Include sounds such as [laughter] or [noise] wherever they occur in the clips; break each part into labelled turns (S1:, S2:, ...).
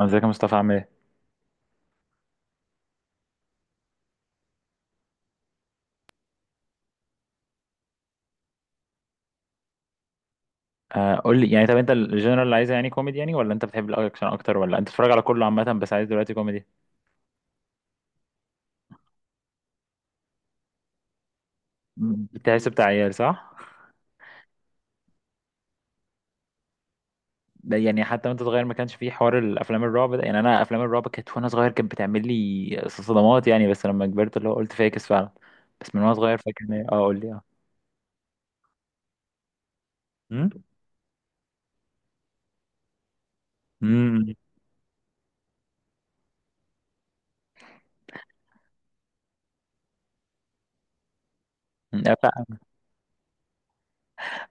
S1: ازيك يا مصطفى عامل ايه؟ قول لي يعني، طب انت الجنرال اللي عايزه يعني كوميدي، يعني ولا انت بتحب الاكشن اكتر، ولا انت بتتفرج على كله عامه بس عايز دلوقتي كوميدي؟ بتحس بتاع عيال صح؟ ده يعني حتى وانت صغير ما كانش فيه حوار الافلام الرعب ده، يعني انا افلام الرعب كانت وانا صغير كانت بتعمل لي صدمات يعني، بس لما كبرت اللي هو قلت فاكس فعلا. بس من وانا صغير فاكر ان اه، قول لي اه. امم امم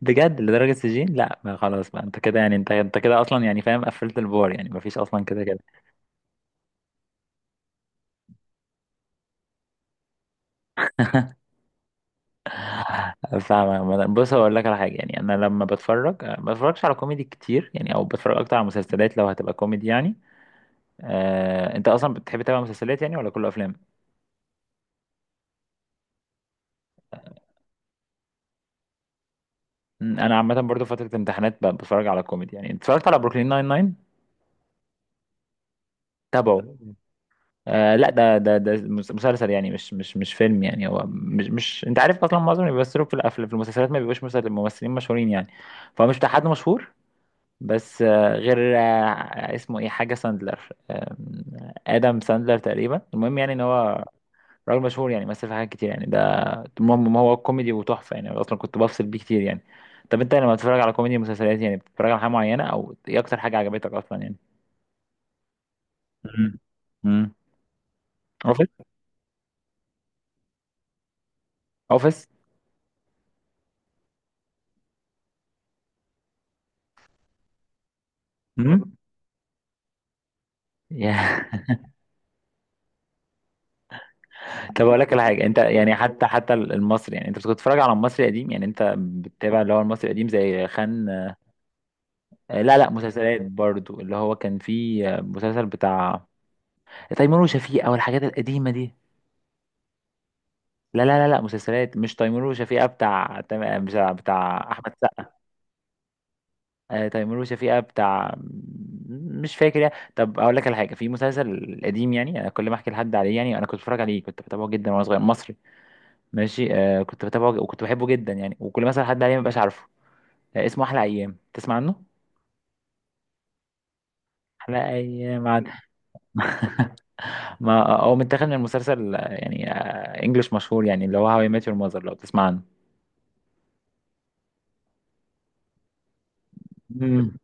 S1: بجد لدرجه سجين؟ لا، ما خلاص بقى، انت كده يعني، انت انت كده اصلا يعني، فاهم قفلت البار يعني، ما فيش اصلا كده. فاهم عامة. بص هقول لك على حاجه، يعني انا لما بتفرج ما بتفرجش على كوميدي كتير يعني، او بتفرج اكتر على مسلسلات لو هتبقى كوميدي يعني. انت اصلا بتحب تتابع مسلسلات يعني، ولا كله افلام؟ انا عامه برضو فتره امتحانات بتفرج على كوميدي يعني، اتفرجت على بروكلين ناين ناين. تابعه. لا، ده مسلسل يعني، مش فيلم يعني، هو مش انت عارف اصلا معظم اللي بيمثلوا في المسلسلات ما بيبقوش ممثلين مشهورين يعني. فهو مش بتاع حد مشهور. بس غير اسمه ايه، حاجة ساندلر. آم، آدم ساندلر تقريبا. المهم يعني ان هو راجل مشهور يعني، مثل في حاجات كتير يعني ده. المهم ما هو كوميدي وتحفة يعني، اصلا كنت بفصل بيه كتير يعني. طب انت لما بتتفرج على كوميدي مسلسلات يعني، بتتفرج على حاجة معينة، او ايه اكتر حاجة عجبتك اصلا يعني؟ مم. مم. اوفيس. اوفيس. مم. يا [laughs] طب اقول لك على حاجه، انت يعني حتى حتى المصري يعني، انت كنت بتتفرج على المصري القديم يعني، انت بتتابع اللي هو المصري القديم زي خان؟ لا لا، مسلسلات برضو، اللي هو كان فيه مسلسل بتاع تيمور وشفيقة، او الحاجات القديمة دي. لا لا لا لا، مسلسلات، مش تيمور وشفيقة بتاع مش بتاع احمد سقا. تيمور وشفيقة بتاع. مش فاكر يعني. طب اقول لك على حاجه، في مسلسل قديم يعني انا كل ما احكي لحد عليه، يعني انا كنت بتفرج عليه، كنت بتابعه جدا وانا صغير، مصري. ماشي، آه كنت بتابعه وكنت بحبه جدا يعني، وكل ما اسال حد عليه ما بقاش عارفه. اسمه احلى ايام، تسمع عنه؟ احلى ايام، عاد. [laughs] ما هو متاخد من مسلسل يعني انجلش مشهور يعني، اللي هو هاو اي ميت يور ماذر، لو تسمع عنه. امم.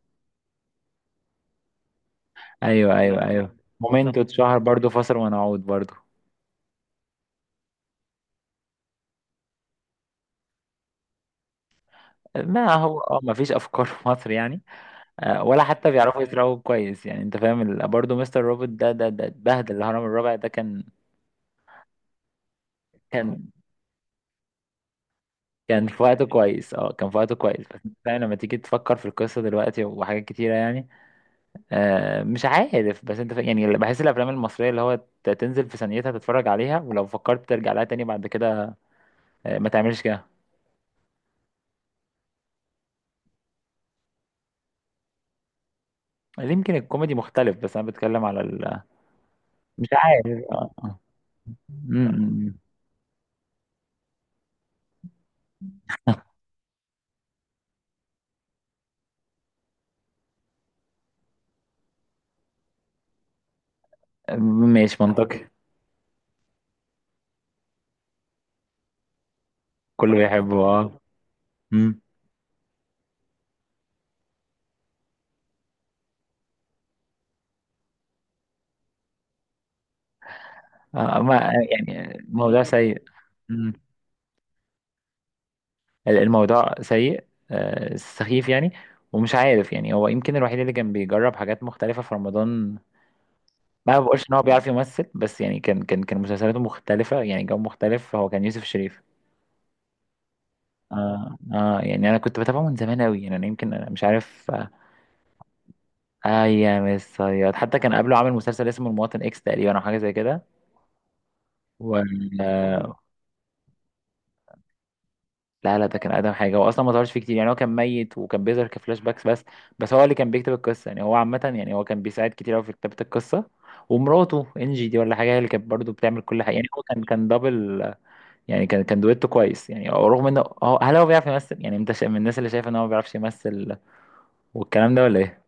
S1: ايوه ايوه ايوه، مومنتو اتشهر برضه، فاصل ونعود برضه. ما هو ما فيش افكار [laughs] في مصر يعني. ولا حتى بيعرفوا يسرقوا كويس يعني، انت فاهم برضه مستر روبوت ده اتبهدل. الهرم الرابع ده كان. كان كان في وقته كويس، كان في وقته كويس، بس انت فاهم لما تيجي تفكر في القصه دلوقتي وحاجات كتيره يعني. مش عارف، يعني بحس الافلام المصريه اللي هو تنزل في ثانيتها تتفرج عليها، ولو فكرت ترجع لها تاني بعد كده ما تعملش كده. يمكن الكوميدي مختلف، بس انا بتكلم على مش عارف م- ماشي، منطقي. كله بيحبه م. ما يعني موضوع سيء. م. الموضوع سيء، سخيف يعني. ومش عارف يعني، هو يمكن الوحيد اللي كان بيجرب حاجات مختلفة في رمضان. ما بقولش ان هو بيعرف يمثل، بس يعني كان مسلسلاته مختلفه يعني، جو مختلف، هو كان يوسف شريف. اه يعني انا كنت بتابعه من زمان قوي يعني، انا يمكن، أنا مش عارف يا مس صياد، حتى كان قبله عامل مسلسل اسمه المواطن اكس تقريبا، او حاجه زي كده و... لا لا، ده كان اقدم حاجه، هو اصلا ما ظهرش فيه كتير يعني، هو كان ميت وكان بيظهر كفلاش باكس بس. بس هو اللي كان بيكتب القصه يعني، هو عامه يعني، هو كان بيساعد كتير قوي في كتابه القصه. ومراته انجي دي ولا حاجه، هي اللي كانت برضه بتعمل كل حاجه يعني، هو كان دبل يعني، كان دويتو كويس يعني، رغم انه هو، هل هو بيعرف يمثل يعني، انت من الناس اللي شايف ان هو ما بيعرفش يمثل والكلام ده، ولا ايه؟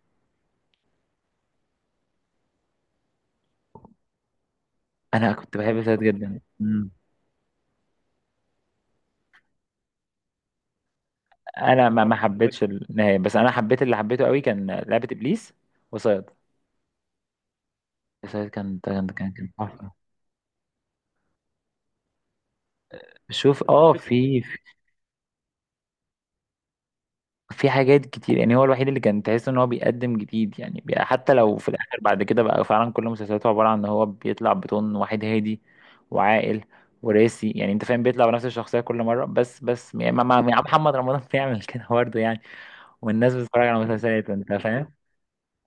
S1: انا كنت بحب سيد جدا. مم. انا ما حبيتش النهايه، بس انا حبيت اللي حبيته قوي كان لعبه ابليس وصياد. صياد كان تحفه. شوف، في حاجات كتير يعني، هو الوحيد اللي كان تحس ان هو بيقدم جديد يعني حتى لو في الاخر بعد كده بقى فعلا كل مسلسلاته عباره عن ان هو بيطلع بطون واحد هادي وعاقل وراسي يعني، انت فاهم بيطلع بنفس الشخصيه كل مره، بس بس يعني محمد رمضان [laughs] بيعمل كده برضه يعني، والناس بتتفرج على مسلسلاته انت فاهم.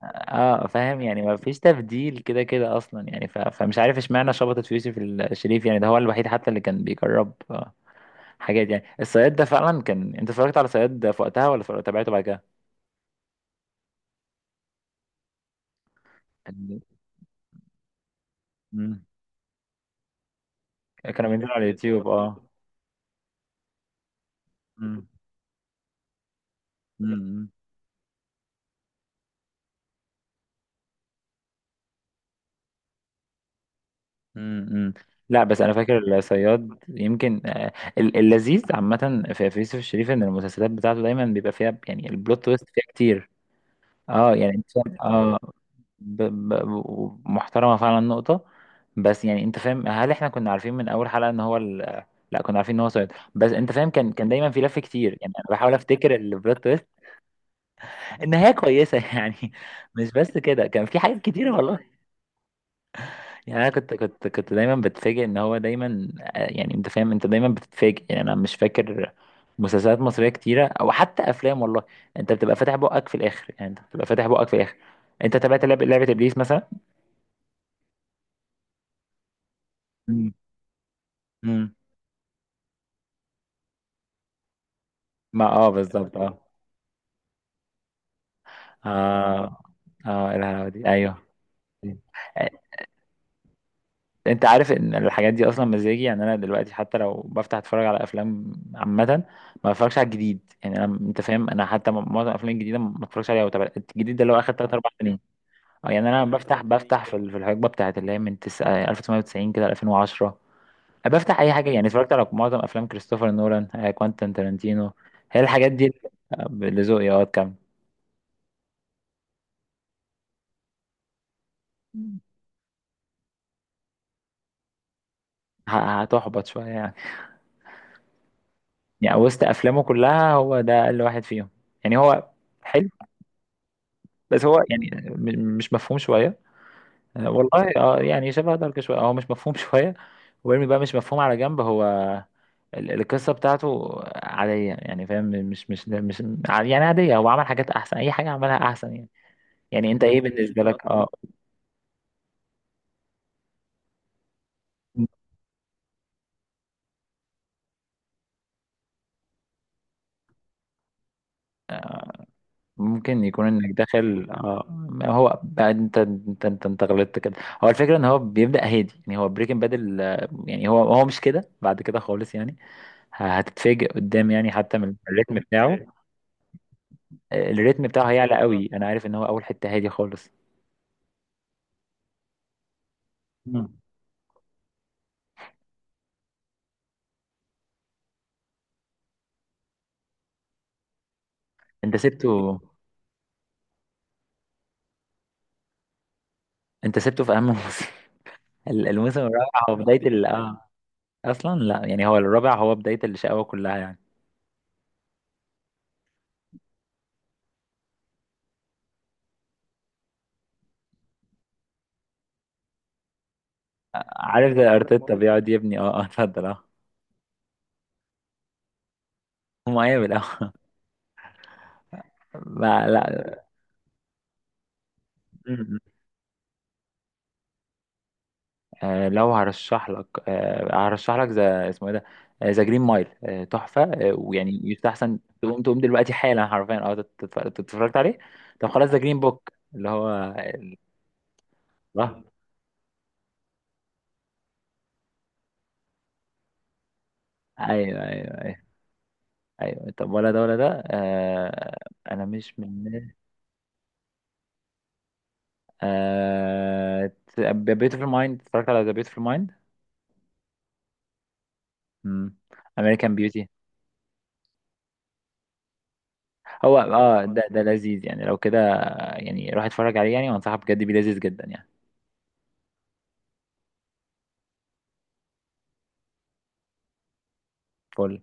S1: اه فاهم يعني، ما فيش تبديل كده كده اصلا يعني فمش عارف اشمعنى شبطت في يوسف الشريف، يعني ده هو الوحيد حتى اللي كان بيجرب حاجات يعني. الصياد ده فعلا كان، انت اتفرجت على صياد في وقتها ولا تابعته بعد كده؟ مم. كانوا بينزلوا على اليوتيوب، اه. مم. مم. مم. مم. لا بس انا فاكر الصياد يمكن، اللذيذ عامه في في يوسف الشريف ان المسلسلات بتاعته دايما بيبقى فيها يعني البلوت تويست فيها كتير. اه يعني انت فاهم، ب- محترمه فعلا، نقطه. بس يعني انت فاهم، هل احنا كنا عارفين من اول حلقه ان هو لا، كنا عارفين ان هو صياد، بس انت فاهم كان دايما في لف كتير يعني، انا بحاول افتكر البلوت تويست. النهايه كويسه [laughs] يعني. مش بس كده كان في حاجات كتير والله يعني، انا كنت دايما بتفاجئ ان هو دايما، يعني انت فاهم انت دايما بتتفاجئ يعني، انا مش فاكر مسلسلات مصريه كتيره او حتى افلام والله. انت بتبقى فاتح بقك في الاخر يعني، انت بتبقى فاتح بقك في الاخر. انت تابعت لعبه ابليس مثلا؟ مم. مم. ما بالظبط اه اه الهوا دي. ايوه، انت عارف ان الحاجات دي اصلا مزاجي يعني، انا دلوقتي حتى لو بفتح اتفرج على افلام عامه، ما بتفرجش على الجديد يعني، انا، انت فاهم، انا حتى معظم الافلام الجديده ما بتفرجش عليها، وتابع الجديد ده اللي هو اخر 3 4 سنين. اه يعني انا بفتح في في الحقبه بتاعت اللي هي من 1990 كده 2010. بفتح اي حاجه يعني، اتفرجت على معظم افلام كريستوفر نولان، كوانتين تارانتينو. هي الحاجات دي اللي اللي ذوقي كام. هتحبط شويه يعني. يعني وسط افلامه كلها هو ده اقل واحد فيهم يعني. هو بس هو يعني مش مفهوم شوية. والله يعني شبه دارك شوية، هو مش مفهوم شوية، ويرمي بقى مش مفهوم على جنب. هو القصة بتاعته عادية يعني، فاهم، مش يعني، عادية. هو عمل حاجات أحسن، أي حاجة عملها أحسن يعني. يعني أنت إيه بالنسبة لك ممكن يكون إنك داخل ما هو بقى أنت غلطت كده. هو الفكرة إن هو بيبدأ هادي يعني، هو بريكنج بادل، يعني هو مش كده بعد كده خالص يعني، هتتفاجئ قدام يعني حتى من الريتم بتاعه. الريتم بتاعه هيعلى قوي، انا عارف ان هو اول حتة هادي خالص. مم. انت سبته. انت سبته في اهم موسم [laughs] الموسم الرابع هو بداية ال اه اصلا. لا يعني هو الرابع هو بداية الشقاوة كلها يعني. عارف زي ارتيتا بيقعد يبني، اتفضل مقابل [laughs] لا. م- م. لو هرشح لك هرشح لك ذا، اسمه ايه ده، ذا جرين مايل. تحفة، ويعني يستحسن تقوم تقوم دلوقتي حالا حرفيا اتفرجت عليه. طب خلاص، ذا جرين بوك، اللي هو. الله، ايوه ايوه ايوه. ايوه، طب ولا ده ولا ده انا مش من الناس. آه بيوتيفول مايند، اتفرجت على ذا بيوتيفول مايند. امم. امريكان بيوتي. هو ده لذيذ يعني، لو كده، يعني روح اتفرج عليه يعني، وانصحك بجد بيه، لذيذ جدا يعني. فل.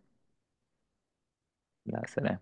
S1: لا، سلام.